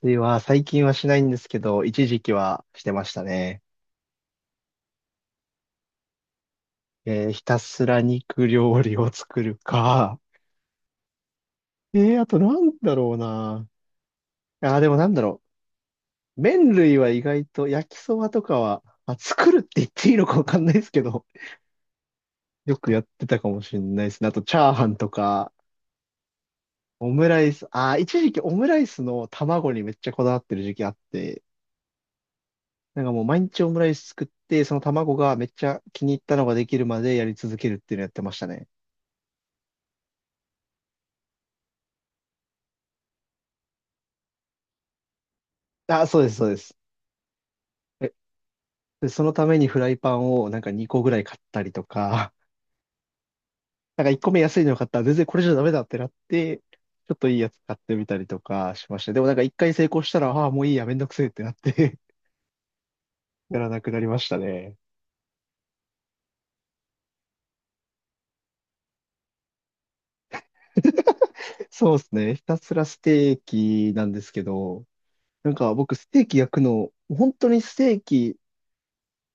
水は最近はしないんですけど、一時期はしてましたね。ひたすら肉料理を作るか。あとなんだろうな。あー、でもなんだろう。麺類は意外と焼きそばとかは、まあ、作るって言っていいのかわかんないですけど、よくやってたかもしれないですね。あとチャーハンとか、オムライス。あー、一時期オムライスの卵にめっちゃこだわってる時期あって、なんかもう毎日オムライス作って、その卵がめっちゃ気に入ったのができるまでやり続けるっていうのやってましたね。あ、そうです、そうです。え、で、そのためにフライパンをなんか2個ぐらい買ったりとか、なんか1個目安いの買ったら全然これじゃダメだってなって、ちょっといいやつ買ってみたりとかしました。でもなんか1回成功したら、ああ、もういいや、めんどくせえってなって やらなくなりましたね。そうですね。ひたすらステーキなんですけど、なんか僕ステーキ焼くの、本当にステーキ、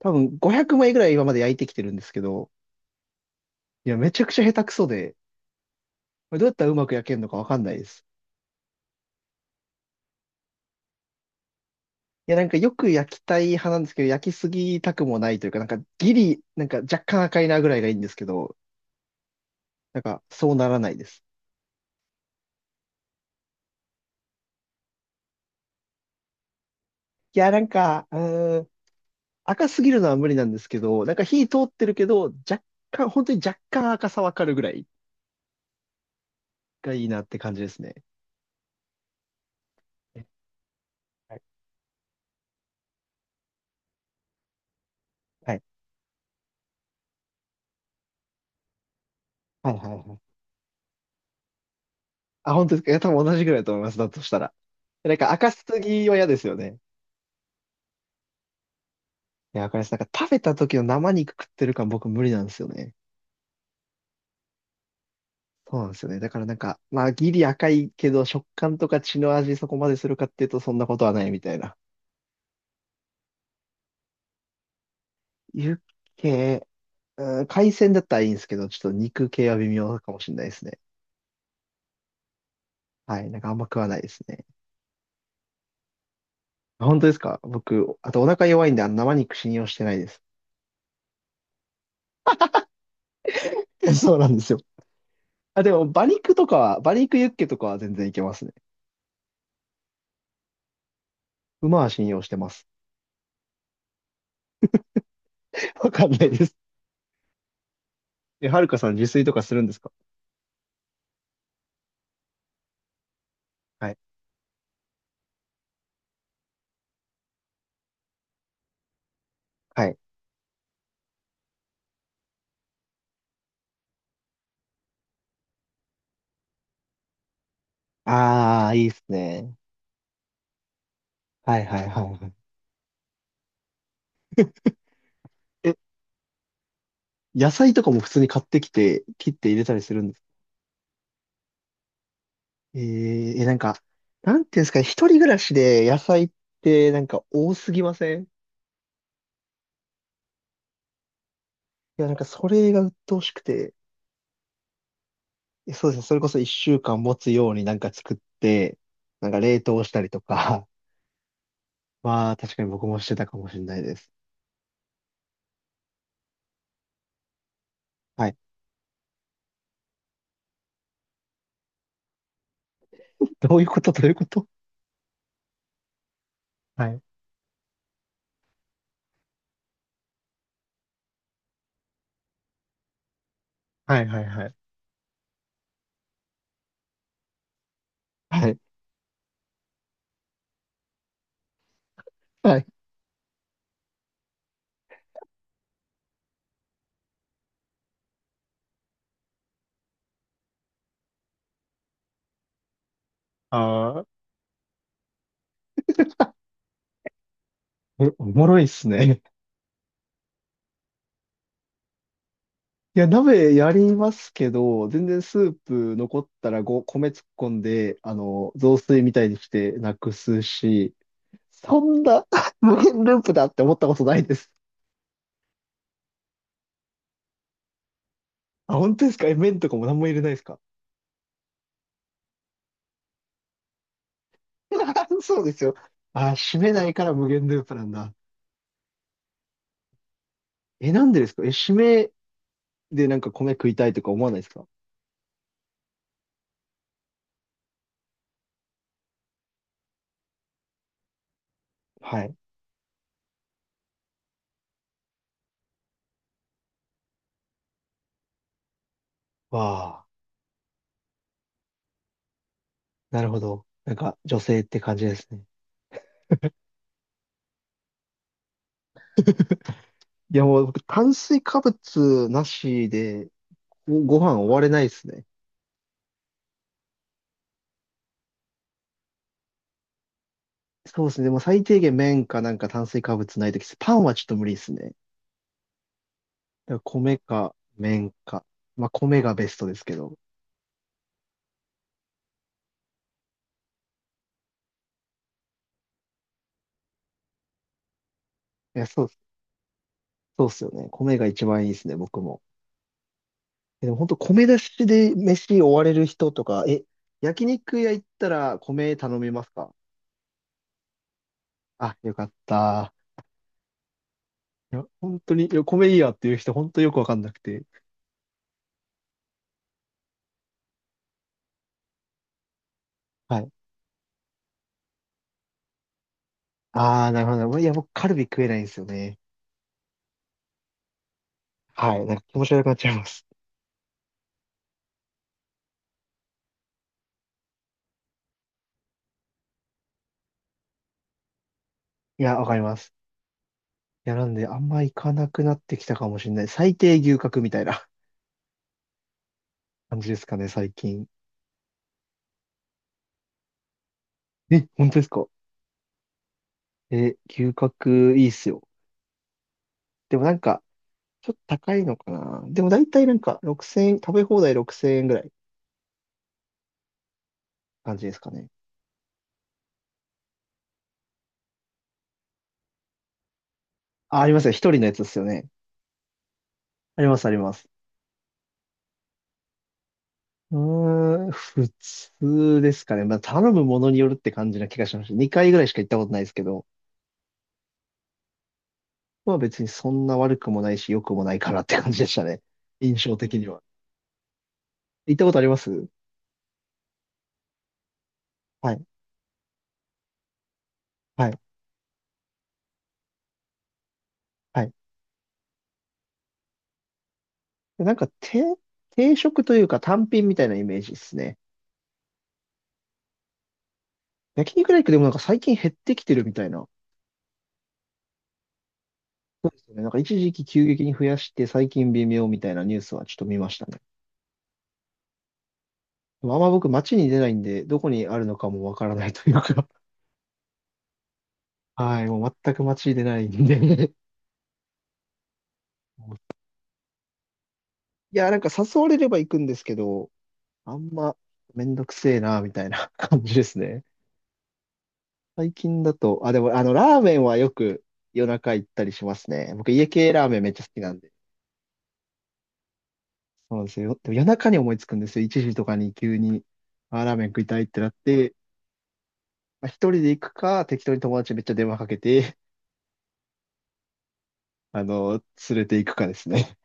多分500枚ぐらい今まで焼いてきてるんですけど、いや、めちゃくちゃ下手くそで、これどうやったらうまく焼けるのかわかんないです。いや、なんかよく焼きたい派なんですけど、焼きすぎたくもないというか、なんかギリ、なんか若干赤いなぐらいがいいんですけど、なんかそうならないです。いや、なんか、うーん、赤すぎるのは無理なんですけど、なんか火通ってるけど、若干、本当に若干赤さわかるぐらいがいいなって感じですね。はい。はい。はいはいはい。あ、本当ですか。いや、多分同じぐらいだと思います。だとしたら。なんか赤すぎは嫌ですよね。いや、わかります。なんか食べた時の生肉食ってる感僕無理なんですよね。そうなんですよね。だからなんか、まあ、ギリ赤いけど、食感とか血の味そこまでするかっていうと、そんなことはないみたいな。ユッケ、うん、海鮮だったらいいんですけど、ちょっと肉系は微妙かもしれないですね。はい。なんかあんま食わないですね。あ、本当ですか？僕、あとお腹弱いんで、あの生肉信用してないです。そうなんですよ。あ、でも、馬肉とかは、馬肉ユッケとかは全然いけますね。馬は信用してます。わかんないです。え、はるかさん自炊とかするんですか？はい。はい。ああ、いいですね。はいはいはいはい。野菜とかも普通に買ってきて、切って入れたりするんです。えー、え、なんか、なんていうんですかね、一人暮らしで野菜ってなんか多すぎません？いや、なんかそれが鬱陶しくて、え、そうですね、それこそ一週間持つようになんか作って、なんか冷凍したりとか、まあ確かに僕もしてたかもしれないです。はい。どういうこと？どういうこと？はい。はいはいはい。はい。はい。ああ、おおもろいっすね。いや、鍋やりますけど、全然スープ残ったらご米突っ込んで、あの、雑炊みたいにしてなくすし、そんな 無限ループだって思ったことないです。あ、本当ですか？え、麺とかも何も入れないですか？ そうですよ。あ、締めないから無限ループなんだ。え、なんでですか？え、締めでなんか米食いたいとか思わないですか？はい。わあ、なるほど。なんか女性って感じですね。いやもう僕炭水化物なしでご飯終われないですね。そうですね。でも最低限麺かなんか炭水化物ないとき、パンはちょっと無理ですね。だから米か麺か。まあ米がベストですけど。いや、そう、そうっすよね。米が一番いいですね、僕も。え、でも本当米出しで飯終われる人とか、え、焼肉屋行ったら米頼みますか？あ、よかった。いや、本当に、いや米いいやっていう人本当よくわかんなくて。はい。ああ、なるほど。いや、僕カルビ食えないんですよね。はい。なんか気持ち悪くなっちゃいます。いや、わかります。や、なんで、あんま行かなくなってきたかもしれない。最低牛角みたいな 感じですかね、最近。え、本当ですか？え、牛角いいっすよ。でもなんか、ちょっと高いのかな。でも大体なんか、6000円、食べ放題6000円ぐらい感じですかね。あ、ありますよ。一人のやつですよね。あります、あります。うーん、普通ですかね。まあ、頼むものによるって感じな気がしました。2回ぐらいしか行ったことないですけど、まあ別にそんな悪くもないし、良くもないかなって感じでしたね。印象的には。行ったことあります？はい。はい。はい。で、なんか、定、定食というか単品みたいなイメージですね。焼肉ライクでもなんか最近減ってきてるみたいな。そうですよね。なんか一時期急激に増やして最近微妙みたいなニュースはちょっと見ましたね。でもあんま僕街に出ないんで、どこにあるのかもわからないというか。はい。もう全く街に出ないんで。いや、なんか誘われれば行くんですけど、あんまめんどくせえな、みたいな 感じですね。最近だと、あ、でもあの、ラーメンはよく夜中行ったりしますね。僕家系ラーメンめっちゃ好きなんで。そうなんですよ。でも夜中に思いつくんですよ。1時とかに急に、あ、ラーメン食いたいってなって、まあ、一人で行くか、適当に友達にめっちゃ電話かけて、あの、連れて行くかですね。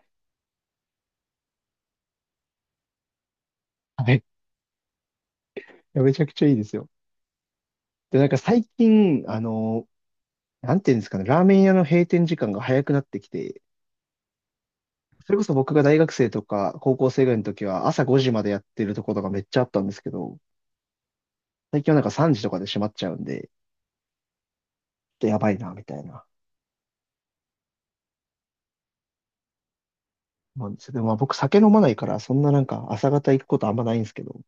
はい。いやめちゃくちゃいいですよ。で、なんか最近、あの、なんていうんですかね、ラーメン屋の閉店時間が早くなってきて、それこそ僕が大学生とか高校生ぐらいの時は朝5時までやってるところがめっちゃあったんですけど、最近はなんか3時とかで閉まっちゃうんで、ちょっとやばいな、みたいな。思んですよ。でもまあ僕酒飲まないから、そんななんか朝方行くことあんまないんですけど、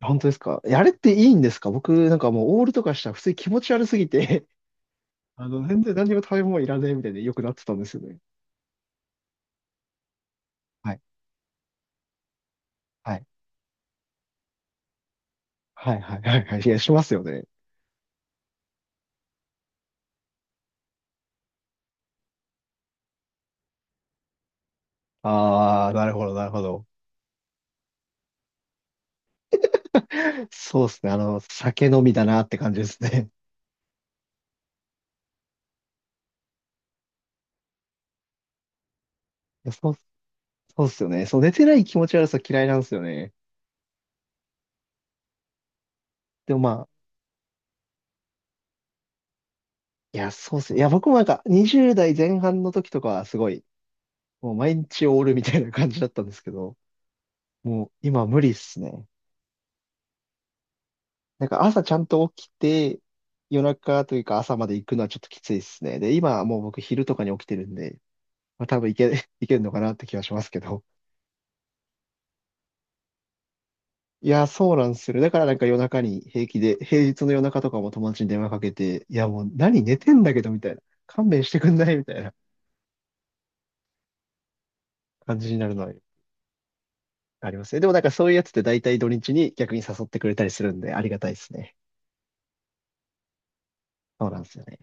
本当ですか？え、あれっていいんですか？僕なんかもうオールとかしたら普通に気持ち悪すぎて あの、全然何にも食べ物いらねえみたいでよくなってたんですよね。はい、はい。はいはいはいはい。いや、しますよね。ああ、なるほど、なるほど。そうですね。あの、酒飲みだなって感じですね。いや、そう、そうっすよね。そう、寝てない気持ち悪さ嫌いなんですよね。でもまあ、いや、そうっすね、いや、僕もなんか20代前半の時とかはすごい、もう毎日オールみたいな感じだったんですけど、もう今無理っすね。なんか朝ちゃんと起きて、夜中というか朝まで行くのはちょっときついですね。で、今はもう僕昼とかに起きてるんで、まあ多分いけ、いけるのかなって気はしますけど。いや、そうなんですよ。だからなんか夜中に平気で、平日の夜中とかも友達に電話かけて、いやもう何寝てんだけどみたいな。勘弁してくんないみたいな感じになるのはありますね。でもなんかそういうやつって大体土日に逆に誘ってくれたりするんでありがたいですね。そうなんですよね。